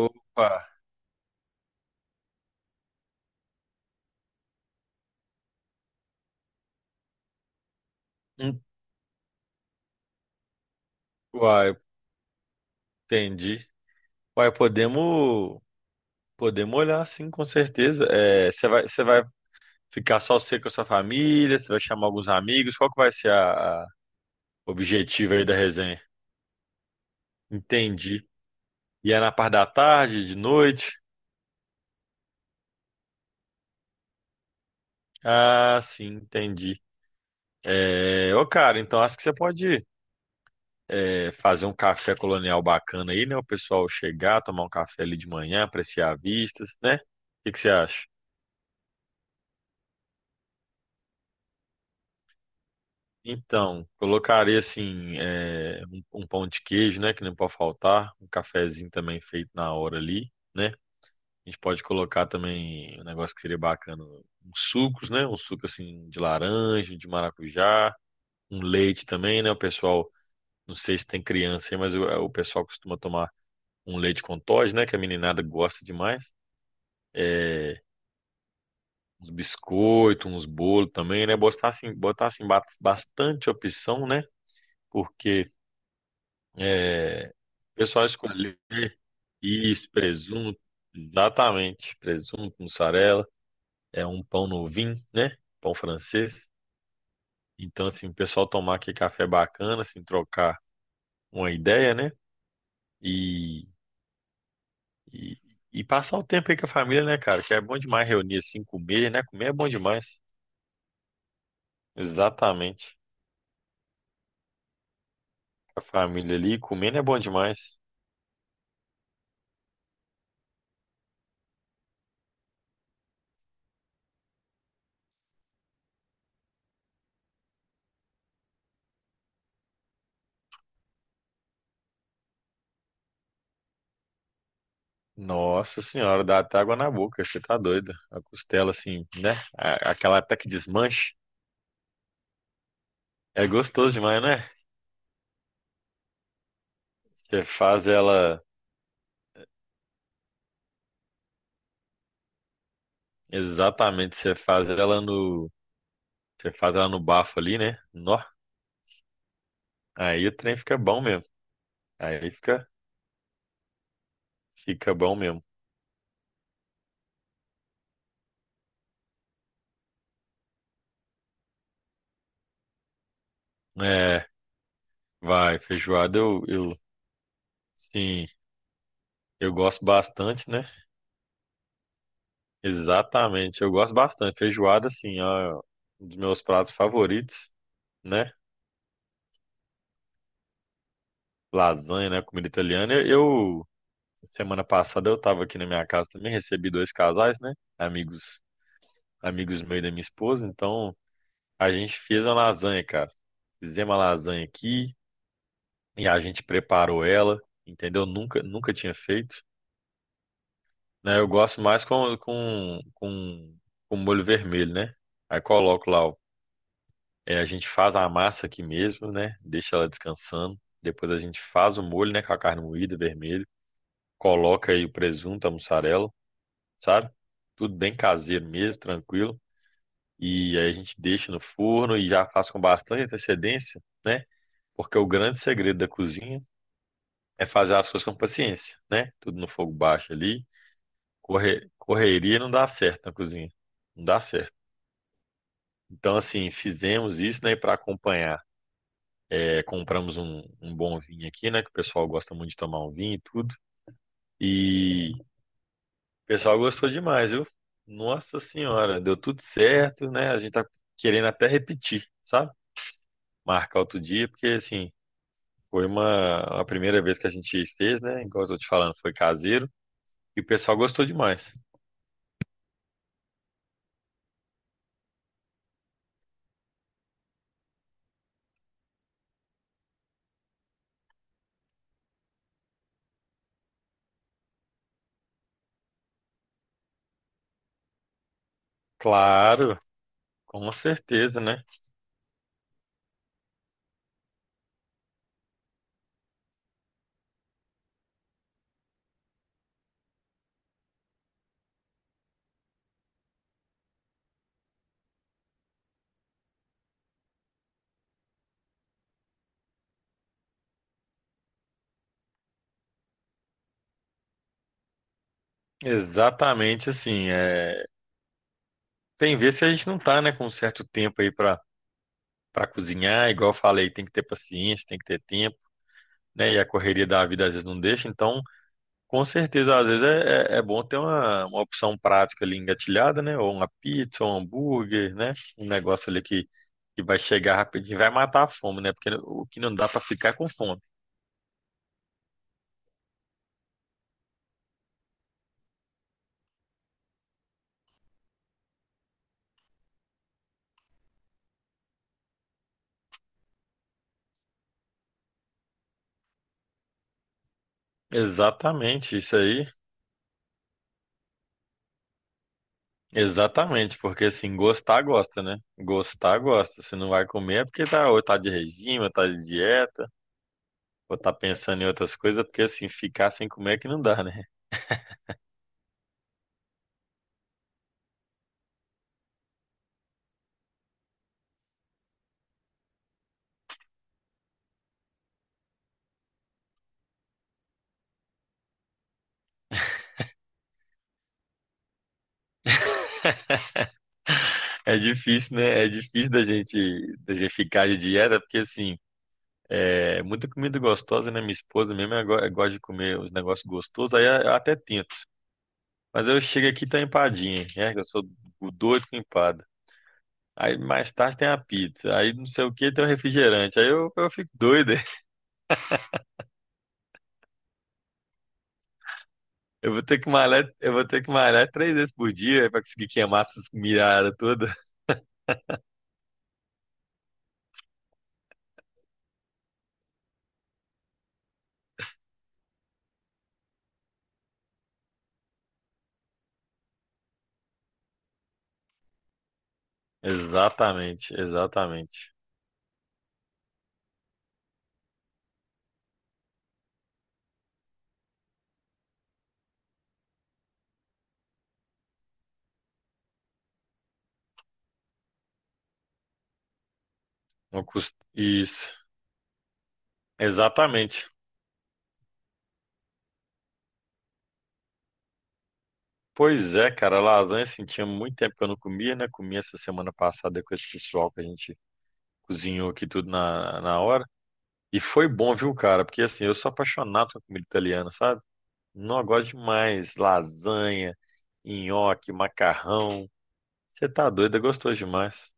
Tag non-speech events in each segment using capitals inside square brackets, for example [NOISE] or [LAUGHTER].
Opa. Hum. Uai, entendi. Uai, podemos, podemos olhar sim, com certeza. É, você vai ficar só você com a sua família, você vai chamar alguns amigos, qual que vai ser a objetivo aí da resenha? Entendi. E é na parte da tarde, de noite? Ah, sim, entendi. É, ô cara, então acho que você pode fazer um café colonial bacana aí, né? O pessoal chegar, tomar um café ali de manhã, apreciar vistas, né? O que que você acha? Então, colocaria assim, é, um pão de queijo, né? Que não pode faltar. Um cafezinho também feito na hora ali, né? A gente pode colocar também um negócio que seria bacana, uns sucos, né? Um suco assim de laranja, de maracujá, um leite também, né? O pessoal, não sei se tem criança aí, mas o pessoal costuma tomar um leite com Toddy, né? Que a meninada gosta demais. É, uns biscoitos, uns bolos também, né? Botar assim bastante opção, né? Porque é, o pessoal escolher isso, presunto, exatamente, presunto, mussarela, é um pão no vinho, né? Pão francês. Então, assim, o pessoal tomar aquele café bacana, assim, trocar uma ideia, né? E, e, e passar o tempo aí com a família, né, cara? Que é bom demais reunir, assim, comer, né? Comer é bom demais. Exatamente. A família ali, comendo é bom demais. Nossa senhora, dá até água na boca, você tá doido. A costela, assim, né? Aquela até que desmanche. É gostoso demais, né? Você faz ela exatamente, você faz ela no, você faz ela no bafo ali, né? Nó. Aí o trem fica bom mesmo. Aí fica, fica bom mesmo. É, vai, feijoada sim, eu gosto bastante, né? Exatamente, eu gosto bastante. Feijoada, assim, ó, um dos meus pratos favoritos, né? Lasanha, né? Comida italiana. Semana passada eu tava aqui na minha casa também, recebi dois casais, né? Amigos meus e da minha esposa, então a gente fez a lasanha, cara. Fizemos a lasanha aqui e a gente preparou ela, entendeu? Nunca tinha feito, né? Eu gosto mais com molho vermelho, né? Aí coloco lá, é, a gente faz a massa aqui mesmo, né? Deixa ela descansando. Depois a gente faz o molho, né? Com a carne moída, vermelho. Coloca aí o presunto, a mussarela, sabe? Tudo bem caseiro mesmo, tranquilo. E aí a gente deixa no forno e já faz com bastante antecedência, né? Porque o grande segredo da cozinha é fazer as coisas com paciência, né? Tudo no fogo baixo ali. Correria não dá certo na cozinha. Não dá certo. Então, assim, fizemos isso, né? Para acompanhar, é, compramos um bom vinho aqui, né? Que o pessoal gosta muito de tomar um vinho e tudo. E o pessoal gostou demais, viu? Nossa Senhora, deu tudo certo, né? A gente tá querendo até repetir, sabe? Marcar outro dia, porque assim. Foi uma, a primeira vez que a gente fez, né? Igual eu tô te falando, foi caseiro. E o pessoal gostou demais. Claro, com certeza, né? Exatamente assim. É... tem vezes que a gente não tá, né, com um certo tempo aí pra, para cozinhar. Igual eu falei, tem que ter paciência, tem que ter tempo, né? E a correria da vida às vezes não deixa. Então, com certeza, às vezes é bom ter uma opção prática ali engatilhada, né? Ou uma pizza, ou um hambúrguer, né? Um negócio ali que vai chegar rapidinho, vai matar a fome, né? Porque o que não dá pra ficar é com fome. Exatamente, isso aí. Exatamente, porque assim, gostar gosta, né? Gostar gosta. Se não vai comer é porque tá, ou tá de regime, ou tá de dieta, ou tá pensando em outras coisas, porque assim, ficar sem comer é que não dá, né? [LAUGHS] É difícil, né? É difícil da gente ficar de dieta, porque assim, é muita comida gostosa, né? Minha esposa mesmo ela gosta de comer os negócios gostosos, aí eu até tento. Mas eu chego aqui e tá empadinha, né? Que eu sou o doido com empada. Aí mais tarde tem a pizza, aí não sei o que tem o refrigerante. Aí eu fico doido. [LAUGHS] Eu vou ter que malhar, eu vou ter que malhar 3 vezes por dia para conseguir queimar essas miradas todas. [LAUGHS] Exatamente, exatamente. Não custa isso. Exatamente. Pois é, cara, lasanha assim, tinha muito tempo que eu não comia, né? Comi essa semana passada com esse pessoal que a gente cozinhou aqui tudo na hora. E foi bom, viu, cara? Porque assim, eu sou apaixonado com comida italiana, sabe? Não, eu gosto demais. Lasanha, nhoque, macarrão. Você tá doido, é gostoso demais.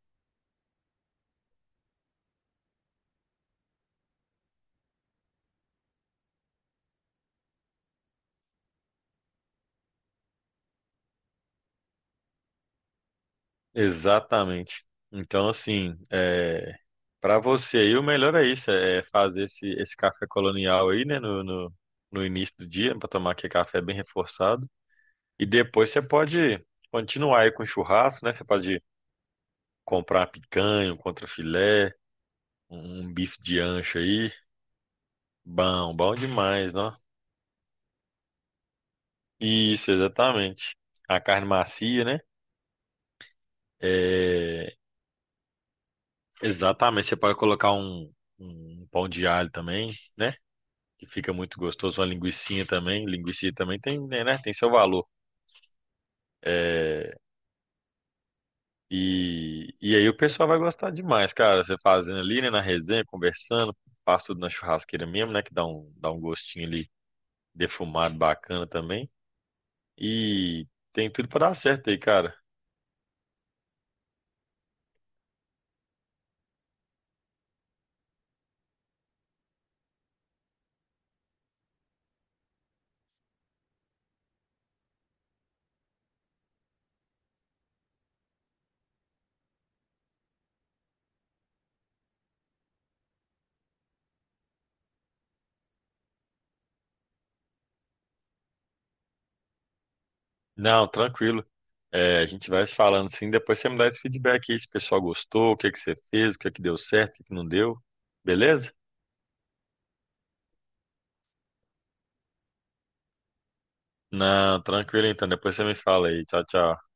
Exatamente. Então, assim, é... para você aí, o melhor é isso, é fazer esse café colonial aí, né, no início do dia, para tomar aquele café bem reforçado. E depois você pode continuar aí com churrasco, né? Você pode comprar uma picanha, um contrafilé, um bife de ancho aí. Bom, bom demais, não? Isso, exatamente. A carne macia, né? É, exatamente. Você pode colocar um pão de alho também, né? Que fica muito gostoso. Uma linguicinha também. Linguiça também tem, né? Né? Tem seu valor. É, e aí o pessoal vai gostar demais, cara. Você fazendo ali, né? Na resenha, conversando. Faz tudo na churrasqueira mesmo, né? Que dá dá um gostinho ali defumado bacana também. E tem tudo pra dar certo aí, cara. Não, tranquilo. É, a gente vai se falando sim. Depois você me dá esse feedback aí, se o pessoal gostou, o que que você fez, o que que deu certo, o que que não deu. Beleza? Não, tranquilo então. Depois você me fala aí. Tchau, tchau.